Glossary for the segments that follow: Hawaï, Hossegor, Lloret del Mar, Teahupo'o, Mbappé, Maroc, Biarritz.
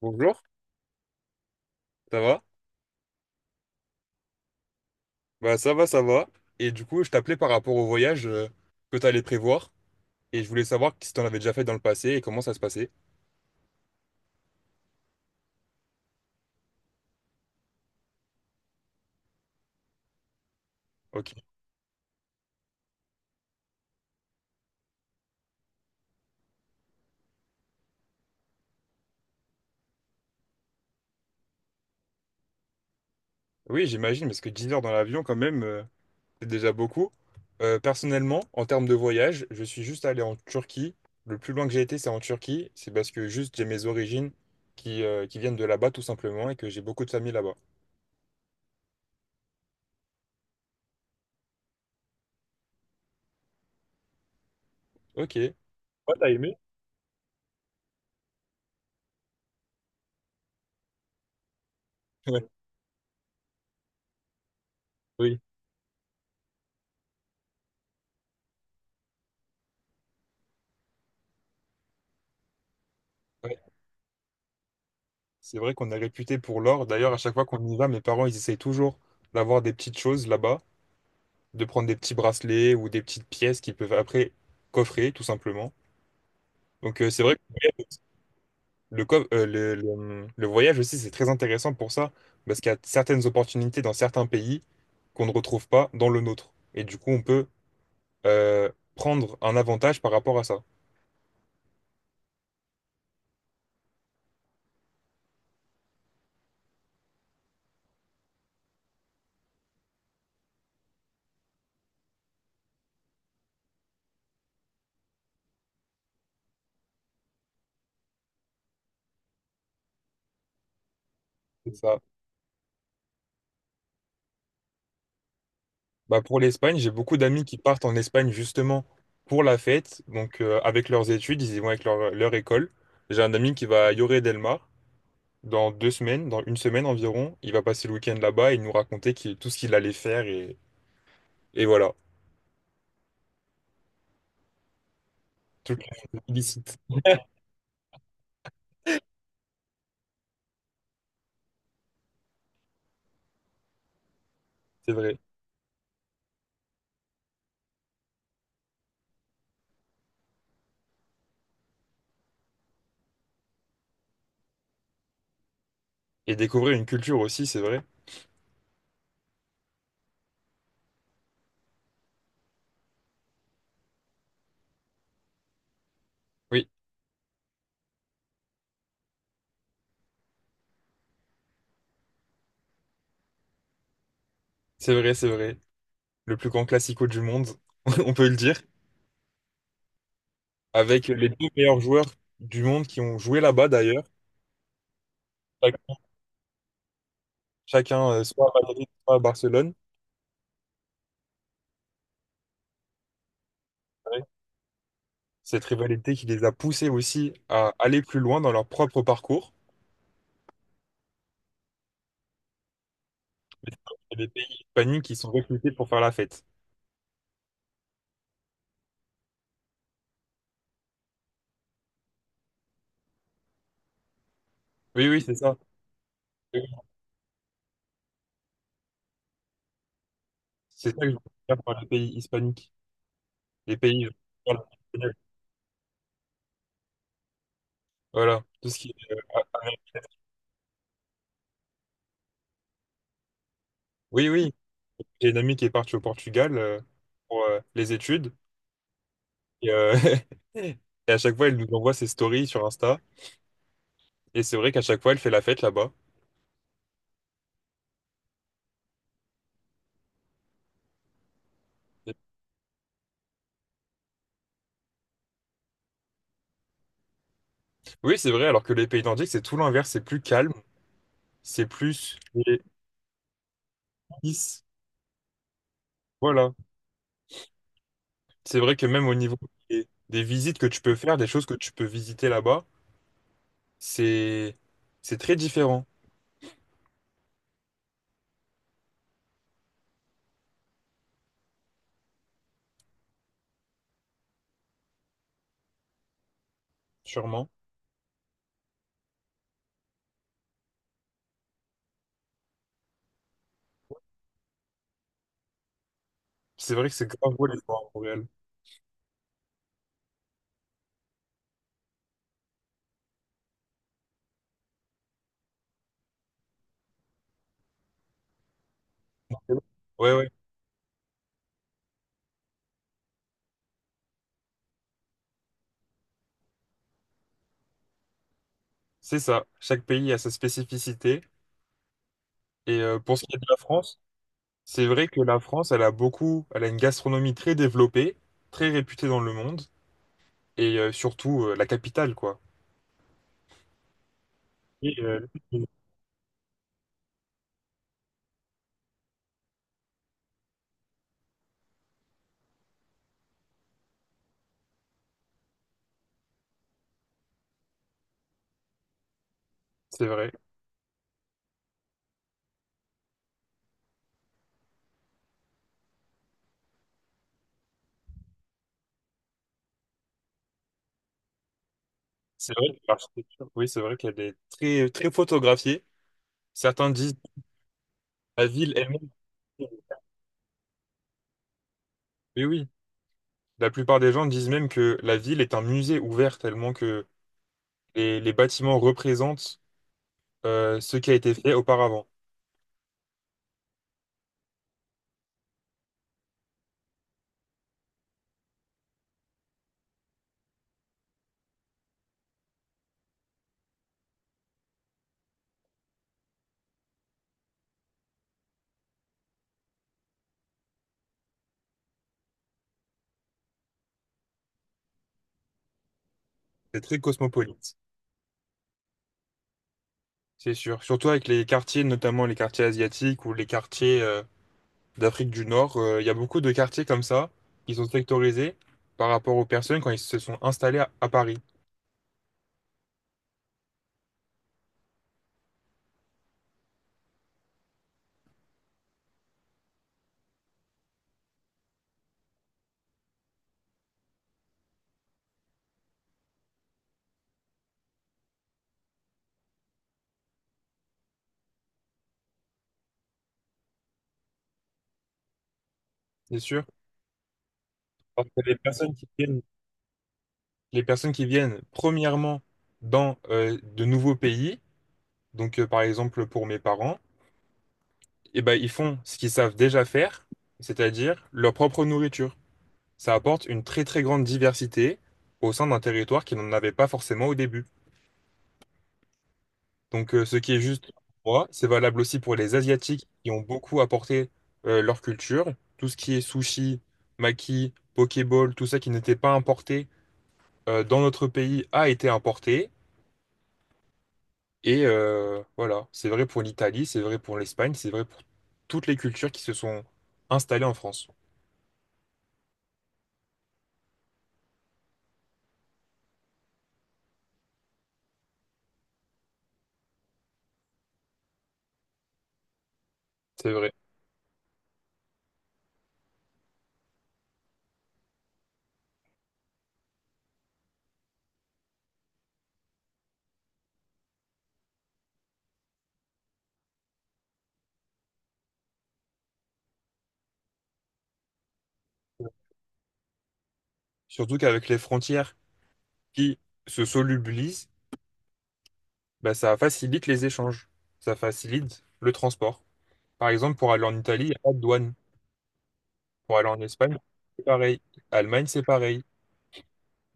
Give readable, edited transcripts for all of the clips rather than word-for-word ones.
Bonjour, ça va? Bah ça va, ça va. Et du coup, je t'appelais par rapport au voyage que tu allais prévoir. Et je voulais savoir si t'en avais déjà fait dans le passé et comment ça se passait. Ok. Oui, j'imagine, parce que 10 heures dans l'avion, quand même, c'est déjà beaucoup. Personnellement, en termes de voyage, je suis juste allé en Turquie. Le plus loin que j'ai été, c'est en Turquie. C'est parce que juste j'ai mes origines qui viennent de là-bas, tout simplement, et que j'ai beaucoup de famille là-bas. Ok. Ouais, t'as aimé? Ouais. Oui. C'est vrai qu'on est réputé pour l'or. D'ailleurs, à chaque fois qu'on y va, mes parents, ils essayent toujours d'avoir des petites choses là-bas, de prendre des petits bracelets ou des petites pièces qu'ils peuvent après coffrer, tout simplement. Donc, c'est vrai que le voyage aussi, c'est très intéressant pour ça, parce qu'il y a certaines opportunités dans certains pays qu'on ne retrouve pas dans le nôtre. Et du coup, on peut prendre un avantage par rapport à ça. Bah pour l'Espagne, j'ai beaucoup d'amis qui partent en Espagne justement pour la fête. Donc avec leurs études, ils y vont avec leur école. J'ai un ami qui va à Lloret del Mar dans 2 semaines, dans 1 semaine environ. Il va passer le week-end là-bas et nous raconter tout ce qu'il allait faire et voilà. Tout le illicite, c'est vrai. Et découvrir une culture aussi, c'est vrai. Oui, c'est vrai, c'est vrai. Le plus grand classico du monde, on peut le dire. Avec les deux meilleurs joueurs du monde qui ont joué là-bas d'ailleurs. Chac- Chacun, soit à Madrid, soit à Barcelone. Cette rivalité qui les a poussés aussi à aller plus loin dans leur propre parcours. Mais c'est vrai qu'il y a des pays hispaniques qui sont réputés pour faire la fête. Oui, oui, c'est ça. Oui, oui. C'est ça que je veux dire par les pays hispaniques. Les pays. Voilà. Tout ce qui est, Amérique. Oui, oui. J'ai une amie qui est partie au Portugal pour les études. Et, euh, et à chaque fois, elle nous envoie ses stories sur Insta. Et c'est vrai qu'à chaque fois, elle fait la fête là-bas. Oui, c'est vrai, alors que les pays nordiques, c'est tout l'inverse, c'est plus calme, c'est plus lisse. Voilà. C'est vrai que même au niveau des visites que tu peux faire, des choses que tu peux visiter là-bas, c'est c'est très différent, sûrement. C'est vrai que c'est grave beau les voir en réel. Ouais, ouais, c'est ça. Chaque pays a sa spécificité. Et pour ce qui est de la France, c'est vrai que la France, elle a beaucoup, elle a une gastronomie très développée, très réputée dans le monde, et surtout la capitale, quoi. Et, euh, c'est vrai. C'est vrai que l'architecture, oui, c'est vrai qu'elle est très, très photographiée. Certains disent la ville elle-même. Mais oui, la plupart des gens disent même que la ville est un musée ouvert tellement que les bâtiments représentent ce qui a été fait auparavant. C'est très cosmopolite, c'est sûr. Surtout avec les quartiers, notamment les quartiers asiatiques ou les quartiers d'Afrique du Nord, il y a beaucoup de quartiers comme ça qui sont sectorisés par rapport aux personnes quand ils se sont installés à Paris, c'est sûr. Parce que les personnes qui viennent, les personnes qui viennent premièrement dans de nouveaux pays, donc par exemple pour mes parents, et ben, ils font ce qu'ils savent déjà faire, c'est-à-dire leur propre nourriture. Ça apporte une très très grande diversité au sein d'un territoire qui n'en avait pas forcément au début. Donc ce qui est juste pour moi, c'est valable aussi pour les Asiatiques qui ont beaucoup apporté leur culture. Tout ce qui est sushi, maki, pokéball, tout ça qui n'était pas importé dans notre pays a été importé. Et voilà, c'est vrai pour l'Italie, c'est vrai pour l'Espagne, c'est vrai pour toutes les cultures qui se sont installées en France. C'est vrai. Surtout qu'avec les frontières qui se solubilisent, bah, ça facilite les échanges, ça facilite le transport. Par exemple, pour aller en Italie, il n'y a pas de douane. Pour aller en Espagne, c'est pareil. Allemagne, c'est pareil.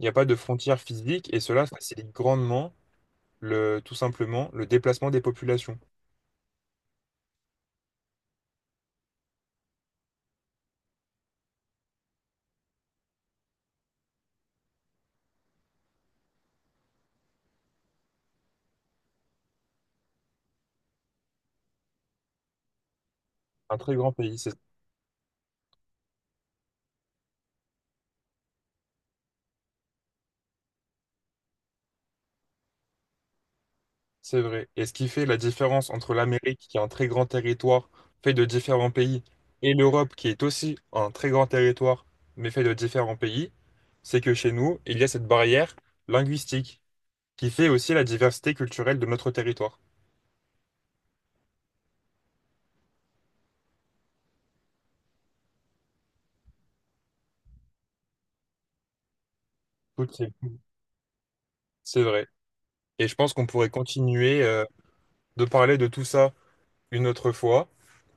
Il n'y a pas de frontières physiques et cela facilite grandement tout simplement le déplacement des populations. Un très grand pays. C'est vrai. Et ce qui fait la différence entre l'Amérique, qui est un très grand territoire fait de différents pays, et l'Europe, qui est aussi un très grand territoire, mais fait de différents pays, c'est que chez nous, il y a cette barrière linguistique qui fait aussi la diversité culturelle de notre territoire. Toutes ces- C'est vrai. Et je pense qu'on pourrait continuer de parler de tout ça une autre fois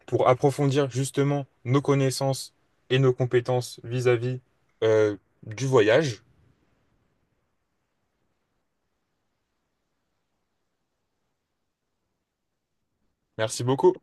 pour approfondir justement nos connaissances et nos compétences vis-à-vis euh, du voyage. Merci beaucoup.